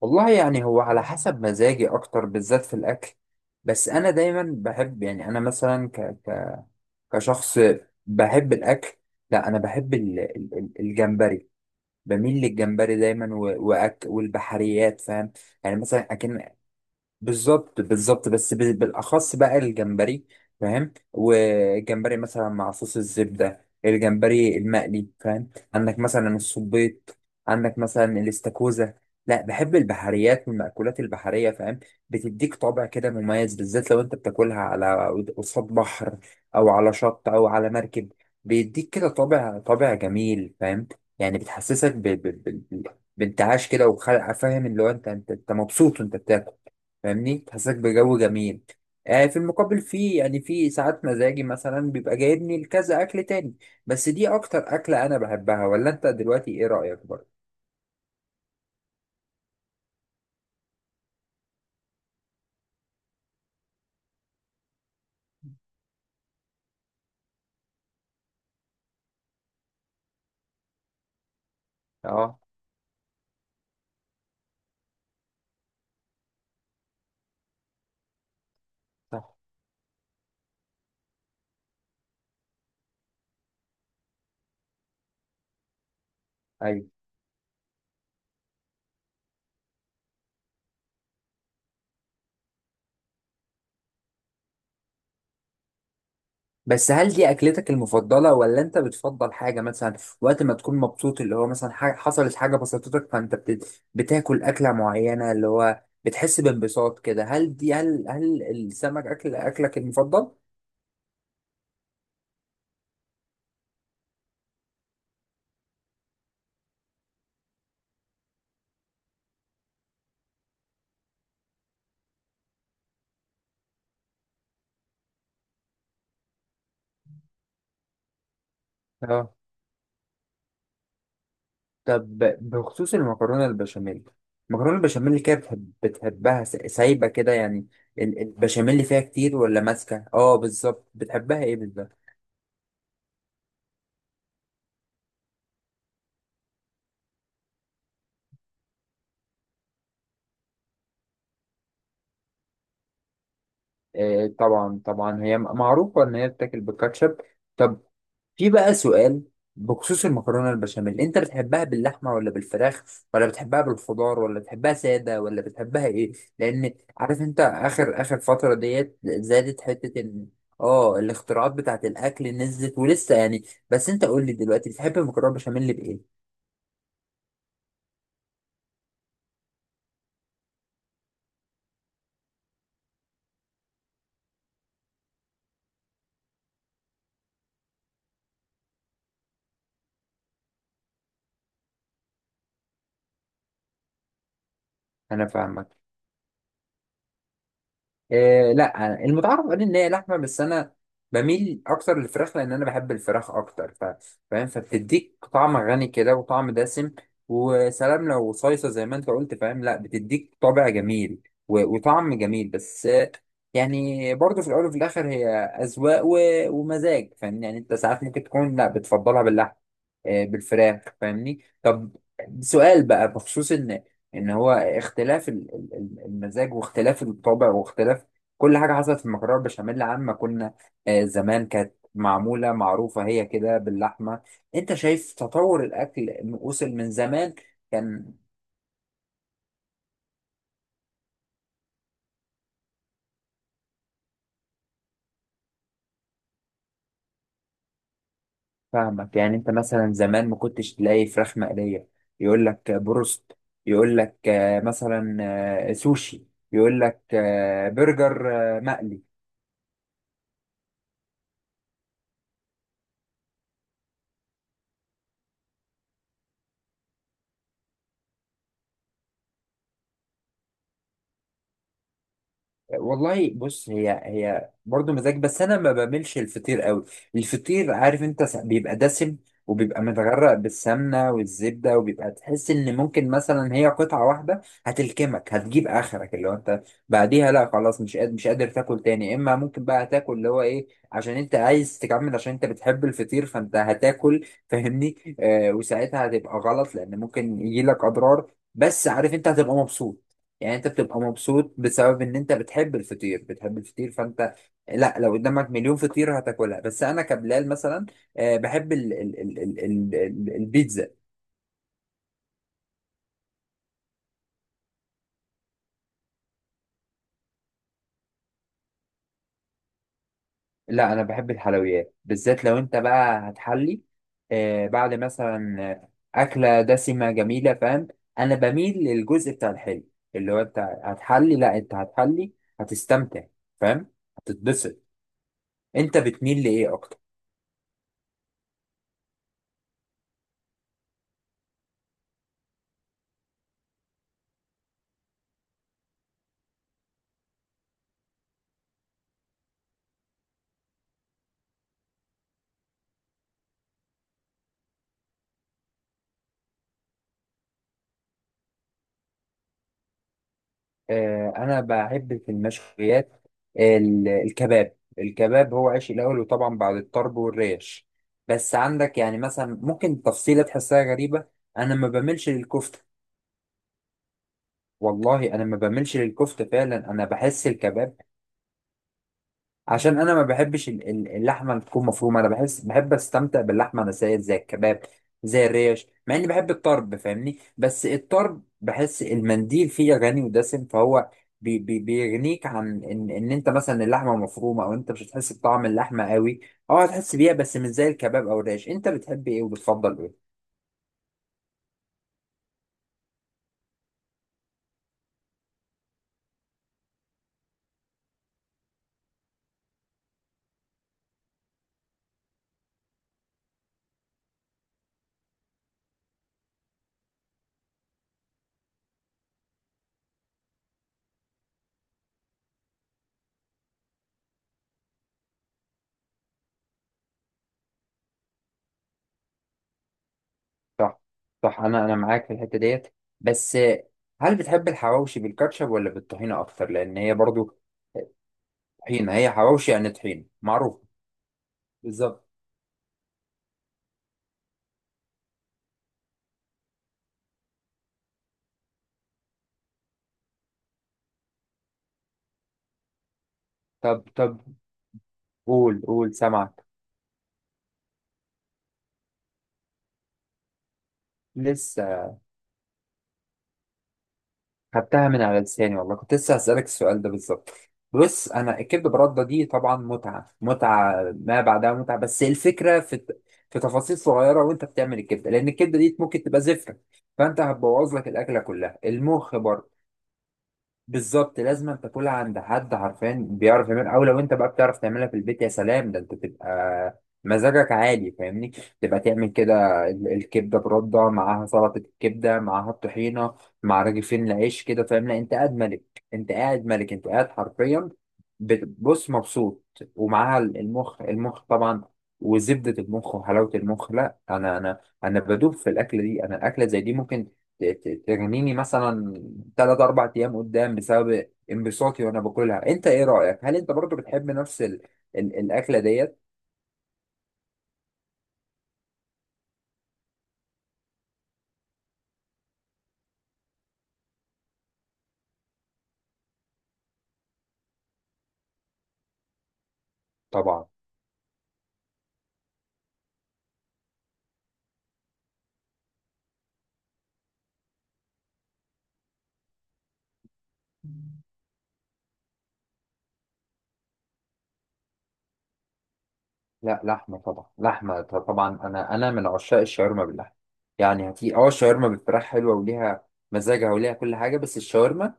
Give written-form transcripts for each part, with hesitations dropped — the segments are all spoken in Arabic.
والله يعني هو على حسب مزاجي اكتر بالذات في الاكل. بس انا دايما بحب، يعني انا مثلا ك ك كشخص بحب الاكل. لا، انا بحب الجمبري. بميل للجمبري دايما، و- وأك والبحريات، فاهم؟ يعني مثلا، بالظبط بالظبط، بس بالاخص بقى الجمبري، فاهم. والجمبري مثلا مع صوص الزبده، الجمبري المقلي، فاهم؟ عندك مثلا الصبيط، عندك مثلا الاستاكوزا. لا، بحب البحريات والمأكولات البحريه، فاهم. بتديك طابع كده مميز، بالذات لو انت بتاكلها على قصاد بحر، او على شط، او على مركب، بيديك كده طابع جميل، فاهم. يعني بتحسسك ب... بانتعاش كده وخلق، فاهم، اللي هو انت انت أنت مبسوط وانت بتاكل، فاهمني، تحسسك بجو جميل. في المقابل، في يعني في ساعات مزاجي مثلا بيبقى جايبني لكذا أكل تاني، بس دي أكتر أكلة أنا بحبها، ولا أنت دلوقتي إيه رأيك برضه؟ اه، صح، أيوة. بس هل دي أكلتك المفضلة، ولا أنت بتفضل حاجة مثلا وقت ما تكون مبسوط، اللي هو مثلا حاجة حصلت، حاجة بسطتك، فأنت بتاكل أكلة معينة، اللي هو بتحس بانبساط كده، هل دي هل هل السمك أكلك المفضل؟ اه، طب بخصوص المكرونة البشاميل، المكرونة البشاميل كده بتحبها سايبة كده يعني، البشاميل اللي فيها كتير ولا ماسكة؟ اه، بالظبط، بتحبها ايه بالظبط؟ آه، طبعا طبعا، هي معروفة ان هي بتاكل بالكاتشب. طب، في بقى سؤال بخصوص المكرونة البشاميل، انت بتحبها باللحمة ولا بالفراخ، ولا بتحبها بالخضار، ولا بتحبها سادة، ولا بتحبها ايه، لان عارف انت اخر اخر فترة ديت زادت حتة ان. اه، الاختراعات بتاعت الاكل نزلت ولسه يعني، بس انت قول لي دلوقتي، بتحب المكرونة البشاميل بايه؟ انا فاهمك، إيه، لا المتعارف عليه ان هي لحمه، بس انا بميل اكتر للفراخ، لان انا بحب الفراخ اكتر، فاهم، فبتديك طعم غني كده وطعم دسم، وسلام لو صيصه زي ما انت قلت، فاهم، لا بتديك طابع جميل وطعم جميل، بس يعني برضه في الاول وفي الاخر هي اذواق ومزاج، فاهمني، يعني انت ساعات ممكن تكون، لا بتفضلها باللحم، بالفراخ، فاهمني. طب، سؤال بقى بخصوص ان، ان هو اختلاف المزاج، واختلاف الطبع، واختلاف كل حاجة حصلت في المكرونة البشاميل، عما كنا زمان كانت معمولة معروفة هي كده باللحمة، انت شايف تطور الأكل إنه وصل من زمان؟ كان فاهمك، يعني انت مثلا زمان ما كنتش تلاقي فراخ مقلية، يقول لك بروست، يقول لك مثلا سوشي، يقول لك برجر مقلي. والله بص، هي برضه مزاج، بس انا ما بعملش الفطير قوي، الفطير عارف انت بيبقى دسم، وبيبقى متغرق بالسمنه والزبده، وبيبقى تحس ان ممكن مثلا هي قطعه واحده هتلكمك هتجيب اخرك، اللي هو انت بعديها لا، خلاص مش قادر مش قادر تاكل تاني، اما ممكن بقى تاكل اللي هو ايه، عشان انت عايز تكمل، عشان انت بتحب الفطير، فانت هتاكل، فاهمني، وساعتها هتبقى غلط، لان ممكن يجيلك اضرار، بس عارف انت هتبقى مبسوط، يعني انت بتبقى مبسوط بسبب ان انت بتحب الفطير، بتحب الفطير فانت، لا لو قدامك مليون فطيرة هتاكلها، بس انا كبلال مثلا، بحب ال ال ال ال ال ال البيتزا. لا، انا بحب الحلويات بالذات لو انت بقى هتحلي، بعد مثلا اكلة دسمة جميلة، فاهم، انا بميل للجزء بتاع الحلو، اللي هو انت هتحلي، لا انت هتحلي، هتستمتع، فاهم، هتتبسط، انت بتميل لايه اكتر؟ انا بحب في المشويات الكباب، الكباب هو عيش الاول، وطبعا بعد الطرب والريش، بس عندك يعني مثلا ممكن تفصيله تحسها غريبه، انا ما بملش للكفته. والله انا ما بملش للكفته فعلا، انا بحس الكباب، عشان انا ما بحبش اللحمه اللي تكون مفرومه، انا بحس، بحب استمتع باللحمه نسائيه زي الكباب، زي الريش، مع اني بحب الطرب، فاهمني، بس الطرب بحس المنديل فيه غني ودسم، فهو بي بي بيغنيك عن ان ان انت مثلا اللحمه مفرومه، او انت مش هتحس بطعم اللحمه قوي، اه، هتحس بيها بس مش زي الكباب او الريش، انت بتحب ايه وبتفضل ايه؟ صح، صح، انا معاك في الحته ديت، بس هل بتحب الحواوشي بالكاتشب ولا بالطحينه اكتر، لان هي برضو طحينه، هي حواوشي يعني طحينه معروف. بالظبط. طب طب، قول قول، سامعك. لسه! خدتها من على لساني، والله كنت لسه هسألك السؤال ده بالظبط. بص، انا الكبد برده دي طبعا متعه متعه ما بعدها متعه، بس الفكره في في تفاصيل صغيره وانت بتعمل الكبده، لان الكبده دي ممكن تبقى زفره، فانت هتبوظ لك الاكله كلها، المخ برضه. بالظبط، لازم تاكلها عند حد عارفان بيعرف يعمل، او لو انت بقى بتعرف تعملها في البيت يا سلام، ده انت تبقى مزاجك عالي، فاهمني، تبقى تعمل كده. الكبده برده معاها سلطه، الكبده معاها الطحينه، مع رغيفين العيش كده، فاهم، لا انت قاعد ملك، انت قاعد ملك، انت قاعد حرفيا بتبص مبسوط، ومعاها المخ، المخ طبعا، وزبده المخ وحلاوه المخ، لا انا انا بدوب في الاكله دي، انا الاكله زي دي ممكن ترميني مثلا 3 4 ايام قدام، بسبب انبساطي وانا باكلها، انت ايه رايك، هل انت برضو بتحب نفس الاكله ديت؟ طبعا، لا، لحمه طبعا، لحمه طبعا، انا من عشاق الشاورما باللحمه، يعني هتي الشاورما بالفراخ حلوه، وليها مزاجها، وليها كل حاجه، بس الشاورما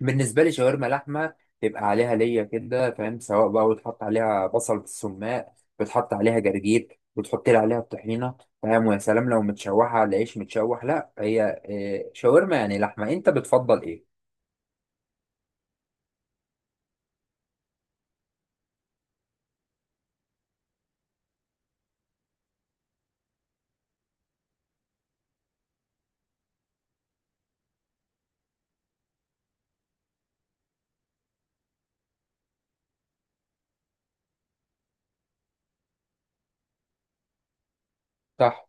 بالنسبة لي شاورما لحمة، تبقى عليها ليا كده فاهم، سواء بقى بتحط عليها بصل بالسماق، بتحط عليها جرجير، بتحط لي عليها الطحينة، فاهم، ويا سلام لو متشوحة على عيش متشوح، لا هي شاورما يعني لحمة، انت بتفضل ايه؟ صح.